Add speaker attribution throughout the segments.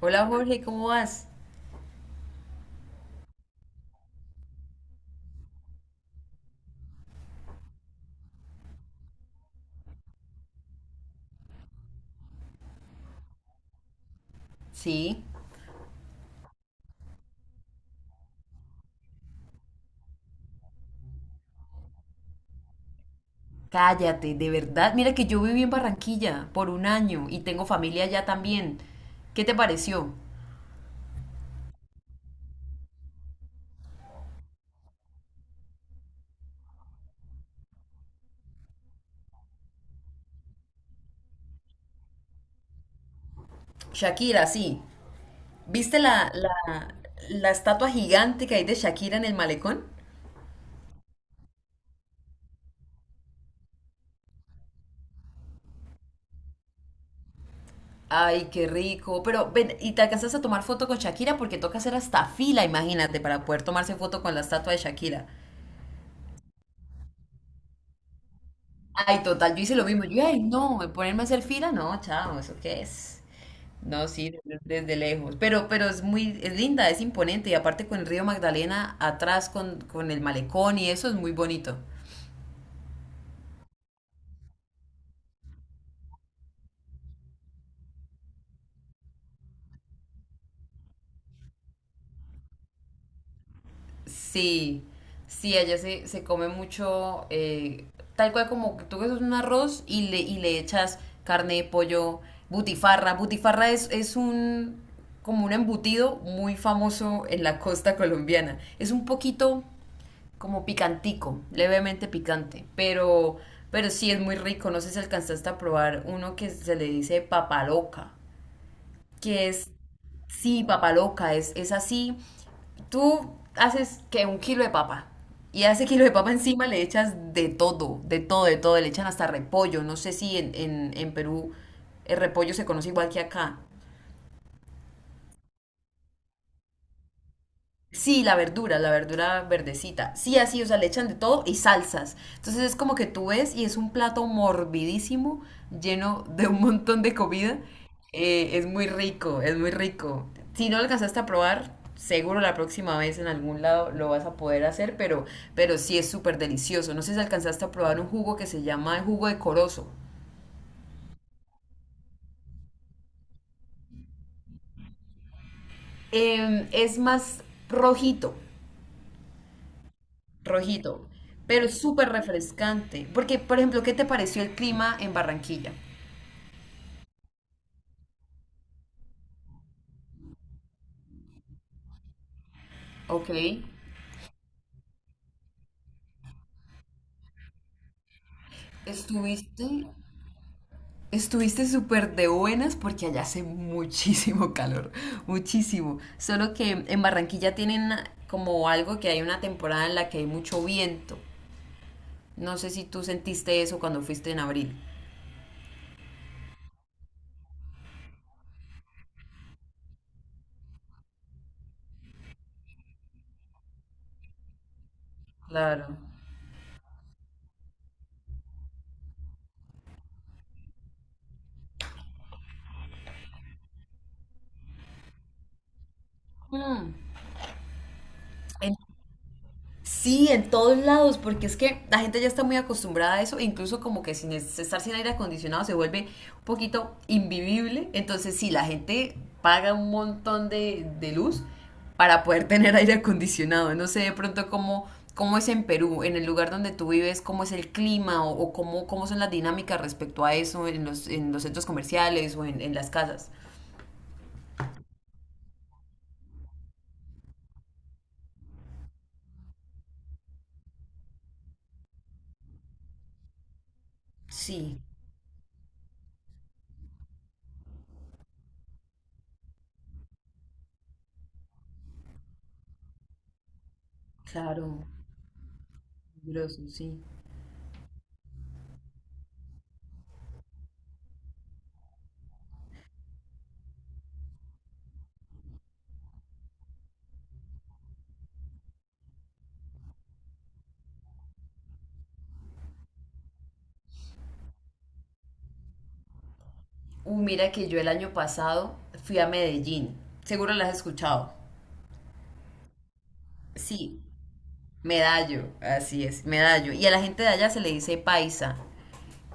Speaker 1: Hola Jorge, ¿cómo vas? Sí. Cállate, de verdad. Mira que yo viví en Barranquilla por un año y tengo familia allá también. ¿Qué te pareció? Shakira, sí. ¿Viste la estatua gigante que hay de Shakira en el malecón? Ay, qué rico. Pero ven, ¿y te alcanzas a tomar foto con Shakira? Porque toca hacer hasta fila, imagínate, para poder tomarse foto con la estatua de Shakira. Ay, total, yo hice lo mismo. Yo, ay, no, ponerme a hacer fila, no, chao, ¿eso qué es? No, sí, desde lejos. Pero es muy, es linda, es imponente. Y aparte con el río Magdalena atrás, con el malecón y eso es muy bonito. Sí, sí, allá se come mucho, tal cual como tú que un arroz y le echas carne, pollo, butifarra. Butifarra es como un embutido muy famoso en la costa colombiana. Es un poquito como picantico, levemente picante, pero sí es muy rico. No sé si alcanzaste a probar uno que se le dice papaloca, que es, sí, papaloca, es así. Tú haces que un kilo de papa. Y a ese kilo de papa encima le echas de todo, de todo, de todo. Le echan hasta repollo. No sé si en Perú el repollo se conoce igual que acá. Sí, la verdura verdecita. Sí, así, o sea, le echan de todo y salsas. Entonces es como que tú ves y es un plato morbidísimo, lleno de un montón de comida. Es muy rico, es muy rico. Si no lo alcanzaste a probar, seguro la próxima vez en algún lado lo vas a poder hacer, pero sí es súper delicioso. No sé si alcanzaste a probar un jugo que se llama el jugo de corozo. Es más rojito. Rojito, pero es súper refrescante. Porque, por ejemplo, ¿qué te pareció el clima en Barranquilla? Ok. Estuviste, estuviste súper de buenas porque allá hace muchísimo calor, muchísimo. Solo que en Barranquilla tienen como algo que hay una temporada en la que hay mucho viento. No sé si tú sentiste eso cuando fuiste en abril. Claro. Mm. Sí, en todos lados, porque es que la gente ya está muy acostumbrada a eso, e incluso como que sin estar sin aire acondicionado se vuelve un poquito invivible. Entonces, sí, la gente paga un montón de luz para poder tener aire acondicionado. No sé de pronto cómo es en Perú, en el lugar donde tú vives, cómo es el clima o cómo son las dinámicas respecto a eso en los centros comerciales o en las casas. Sí, claro, peligroso, sí. Mira que yo el año pasado fui a Medellín. Seguro las has escuchado. Sí, Medallo, así es, Medallo. Y a la gente de allá se le dice paisa.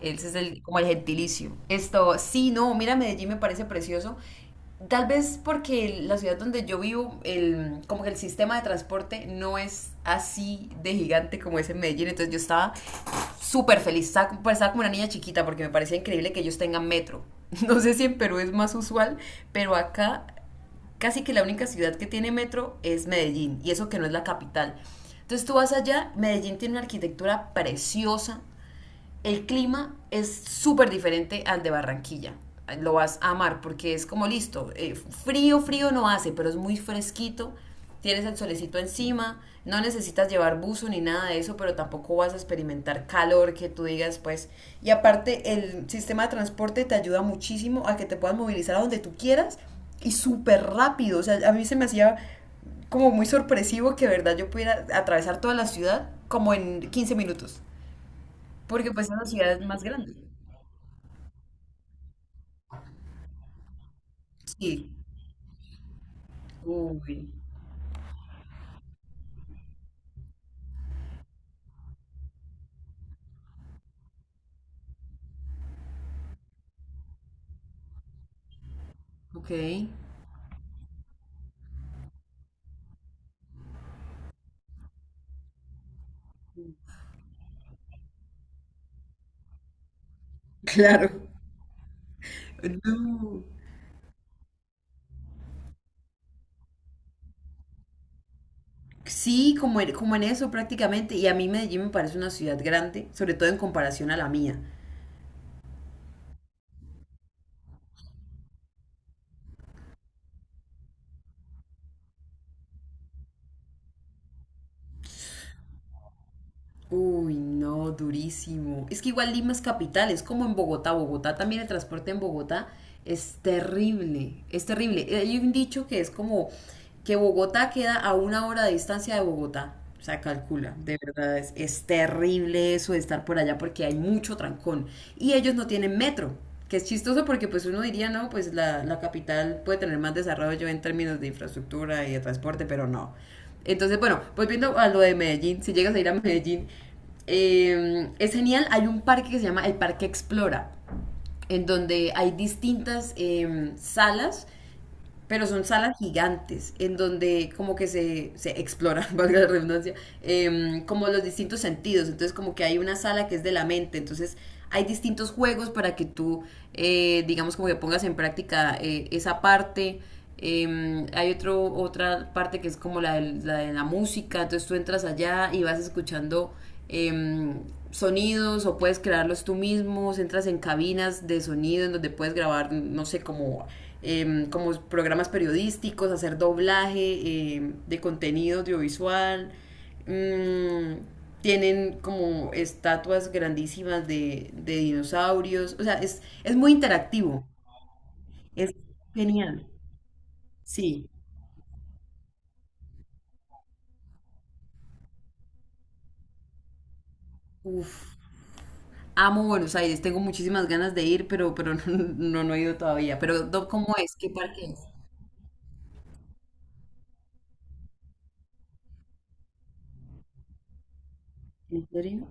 Speaker 1: Ese es como el gentilicio. Esto, sí, no, mira, Medellín me parece precioso. Tal vez porque la ciudad donde yo vivo, como que el sistema de transporte no es así de gigante como es en Medellín. Entonces yo estaba súper feliz, estaba como una niña chiquita porque me parecía increíble que ellos tengan metro. No sé si en Perú es más usual, pero acá casi que la única ciudad que tiene metro es Medellín, y eso que no es la capital. Entonces tú vas allá, Medellín tiene una arquitectura preciosa, el clima es súper diferente al de Barranquilla. Lo vas a amar porque es como listo. Frío, frío no hace, pero es muy fresquito. Tienes el solecito encima. No necesitas llevar buzo ni nada de eso, pero tampoco vas a experimentar calor que tú digas, pues. Y aparte, el sistema de transporte te ayuda muchísimo a que te puedas movilizar a donde tú quieras y súper rápido. O sea, a mí se me hacía como muy sorpresivo que, de verdad, yo pudiera atravesar toda la ciudad como en 15 minutos. Porque pues es la ciudad más grande. Sí. Uy, ok. Claro. No. Sí, como en eso prácticamente. Y a mí Medellín me parece una ciudad grande, sobre todo en comparación a la mía. Uy, no, durísimo. Es que igual Lima es capital, es como en Bogotá. Bogotá también el transporte en Bogotá es terrible, es terrible. Hay un dicho que es como que Bogotá queda a una hora de distancia de Bogotá. O sea, calcula, de verdad es terrible eso de estar por allá porque hay mucho trancón. Y ellos no tienen metro, que es chistoso porque pues uno diría, no, pues la capital puede tener más desarrollo en términos de infraestructura y de transporte, pero no. Entonces, bueno, volviendo a lo de Medellín, si llegas a ir a Medellín, es genial. Hay un parque que se llama el Parque Explora, en donde hay distintas salas, pero son salas gigantes, en donde como que se explora, valga la redundancia, como los distintos sentidos. Entonces, como que hay una sala que es de la mente, entonces hay distintos juegos para que tú, digamos, como que pongas en práctica esa parte. Hay otra parte que es como la de la música, entonces tú entras allá y vas escuchando eh, sonidos o puedes crearlos tú mismo, entras en cabinas de sonido en donde puedes grabar, no sé, como programas periodísticos, hacer doblaje de contenido audiovisual. Mm, tienen como estatuas grandísimas de dinosaurios, o sea, es muy interactivo, es genial, sí. Uf, amo Buenos Aires, tengo muchísimas ganas de ir, pero no, no, no he ido todavía. Pero, ¿cómo es? ¿Qué parque es? ¿En serio?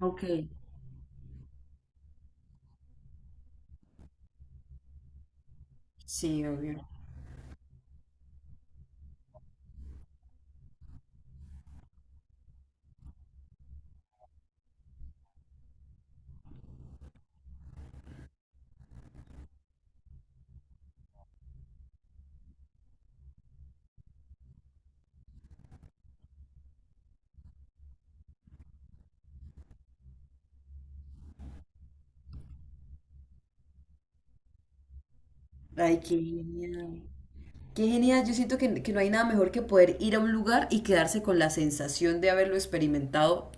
Speaker 1: Ok, sí, obvio. Ay, qué genial. Qué genial, yo siento que no hay nada mejor que poder ir a un lugar y quedarse con la sensación de haberlo experimentado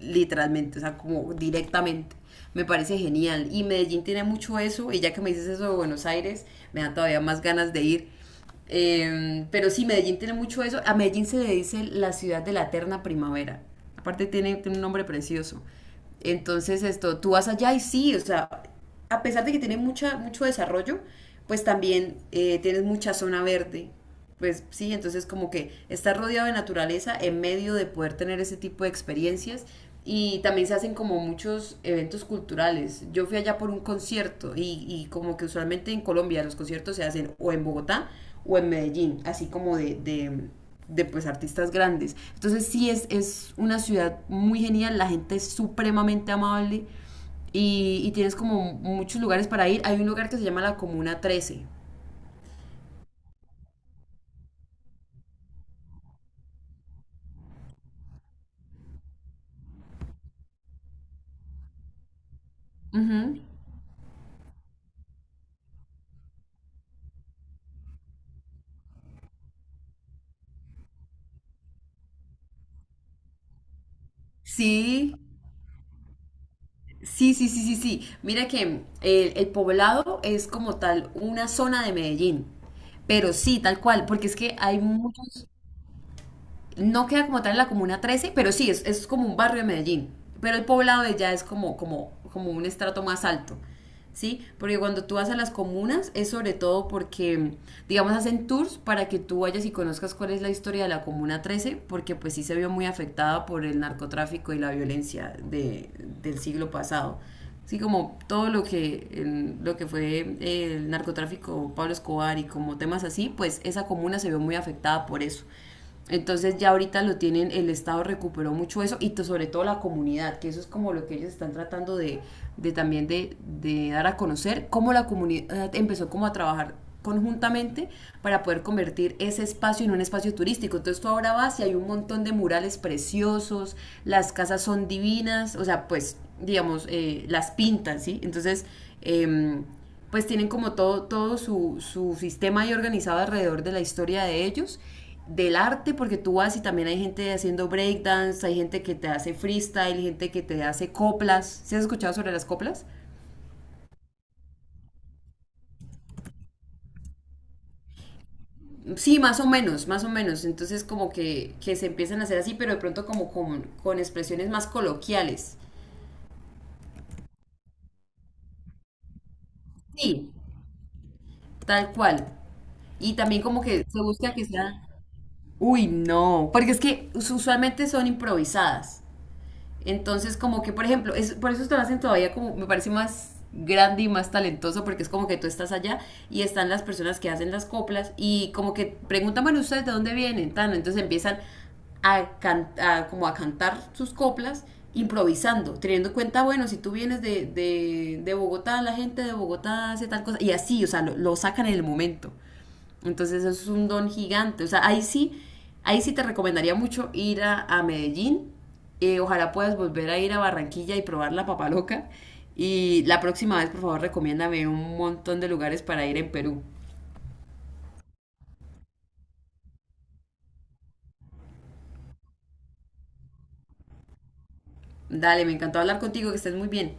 Speaker 1: literalmente, o sea, como directamente. Me parece genial. Y Medellín tiene mucho eso, y ya que me dices eso de Buenos Aires, me dan todavía más ganas de ir. Pero sí, Medellín tiene mucho eso. A Medellín se le dice la ciudad de la eterna primavera. Aparte tiene un nombre precioso. Entonces, esto, tú vas allá y sí, o sea, a pesar de que tiene mucho desarrollo, pues también tienes mucha zona verde, pues sí, entonces como que estar rodeado de naturaleza en medio de poder tener ese tipo de experiencias y también se hacen como muchos eventos culturales. Yo fui allá por un concierto y como que usualmente en Colombia los conciertos se hacen o en Bogotá o en Medellín, así como de, pues artistas grandes. Entonces sí es una ciudad muy genial, la gente es supremamente amable y tienes como muchos lugares para ir. Hay un lugar que se llama la Comuna 13. Ujú. Sí, sí, sí, sí, sí, sí. Mira que el poblado es como tal una zona de Medellín, pero sí, tal cual, porque es que hay muchos, no queda como tal en la comuna 13, pero sí, es como un barrio de Medellín. Pero el poblado de ya es como un estrato más alto. ¿Sí? Porque cuando tú vas a las comunas es sobre todo porque, digamos, hacen tours para que tú vayas y conozcas cuál es la historia de la Comuna 13, porque pues sí se vio muy afectada por el narcotráfico y la violencia del siglo pasado. Sí, como todo lo que fue el narcotráfico, Pablo Escobar y como temas así, pues esa comuna se vio muy afectada por eso. Entonces ya ahorita lo tienen, el Estado recuperó mucho eso y sobre todo la comunidad, que eso es como lo que ellos están tratando de también de dar a conocer, cómo la comunidad empezó como a trabajar conjuntamente para poder convertir ese espacio en un espacio turístico. Entonces tú ahora vas y hay un montón de murales preciosos, las casas son divinas, o sea, pues digamos, las pintan, ¿sí? Entonces, em, pues tienen como todo su sistema ahí organizado alrededor de la historia de ellos del arte, porque tú vas y también hay gente haciendo breakdance, hay gente que te hace freestyle, gente que te hace coplas. ¿Sí has escuchado sobre las coplas? Sí, más o menos, más o menos. Entonces como que se empiezan a hacer así, pero de pronto como con expresiones más coloquiales. Sí, tal cual. Y también como que se busca que sea. Uy, no, porque es que usualmente son improvisadas. Entonces, como que, por ejemplo, por eso te lo hacen todavía como, me parece más grande y más talentoso, porque es como que tú estás allá y están las personas que hacen las coplas y como que preguntan, bueno, ¿ustedes de dónde vienen? Tan, entonces empiezan a cantar sus coplas improvisando, teniendo en cuenta, bueno, si tú vienes de Bogotá, la gente de Bogotá hace tal cosa, y así, o sea, lo sacan en el momento. Entonces eso es un don gigante. O sea, ahí sí te recomendaría mucho ir a Medellín. Ojalá puedas volver a ir a Barranquilla y probar la papa loca. Y la próxima vez, por favor, recomiéndame un montón de lugares para ir en Perú. Dale, me encantó hablar contigo, que estés muy bien.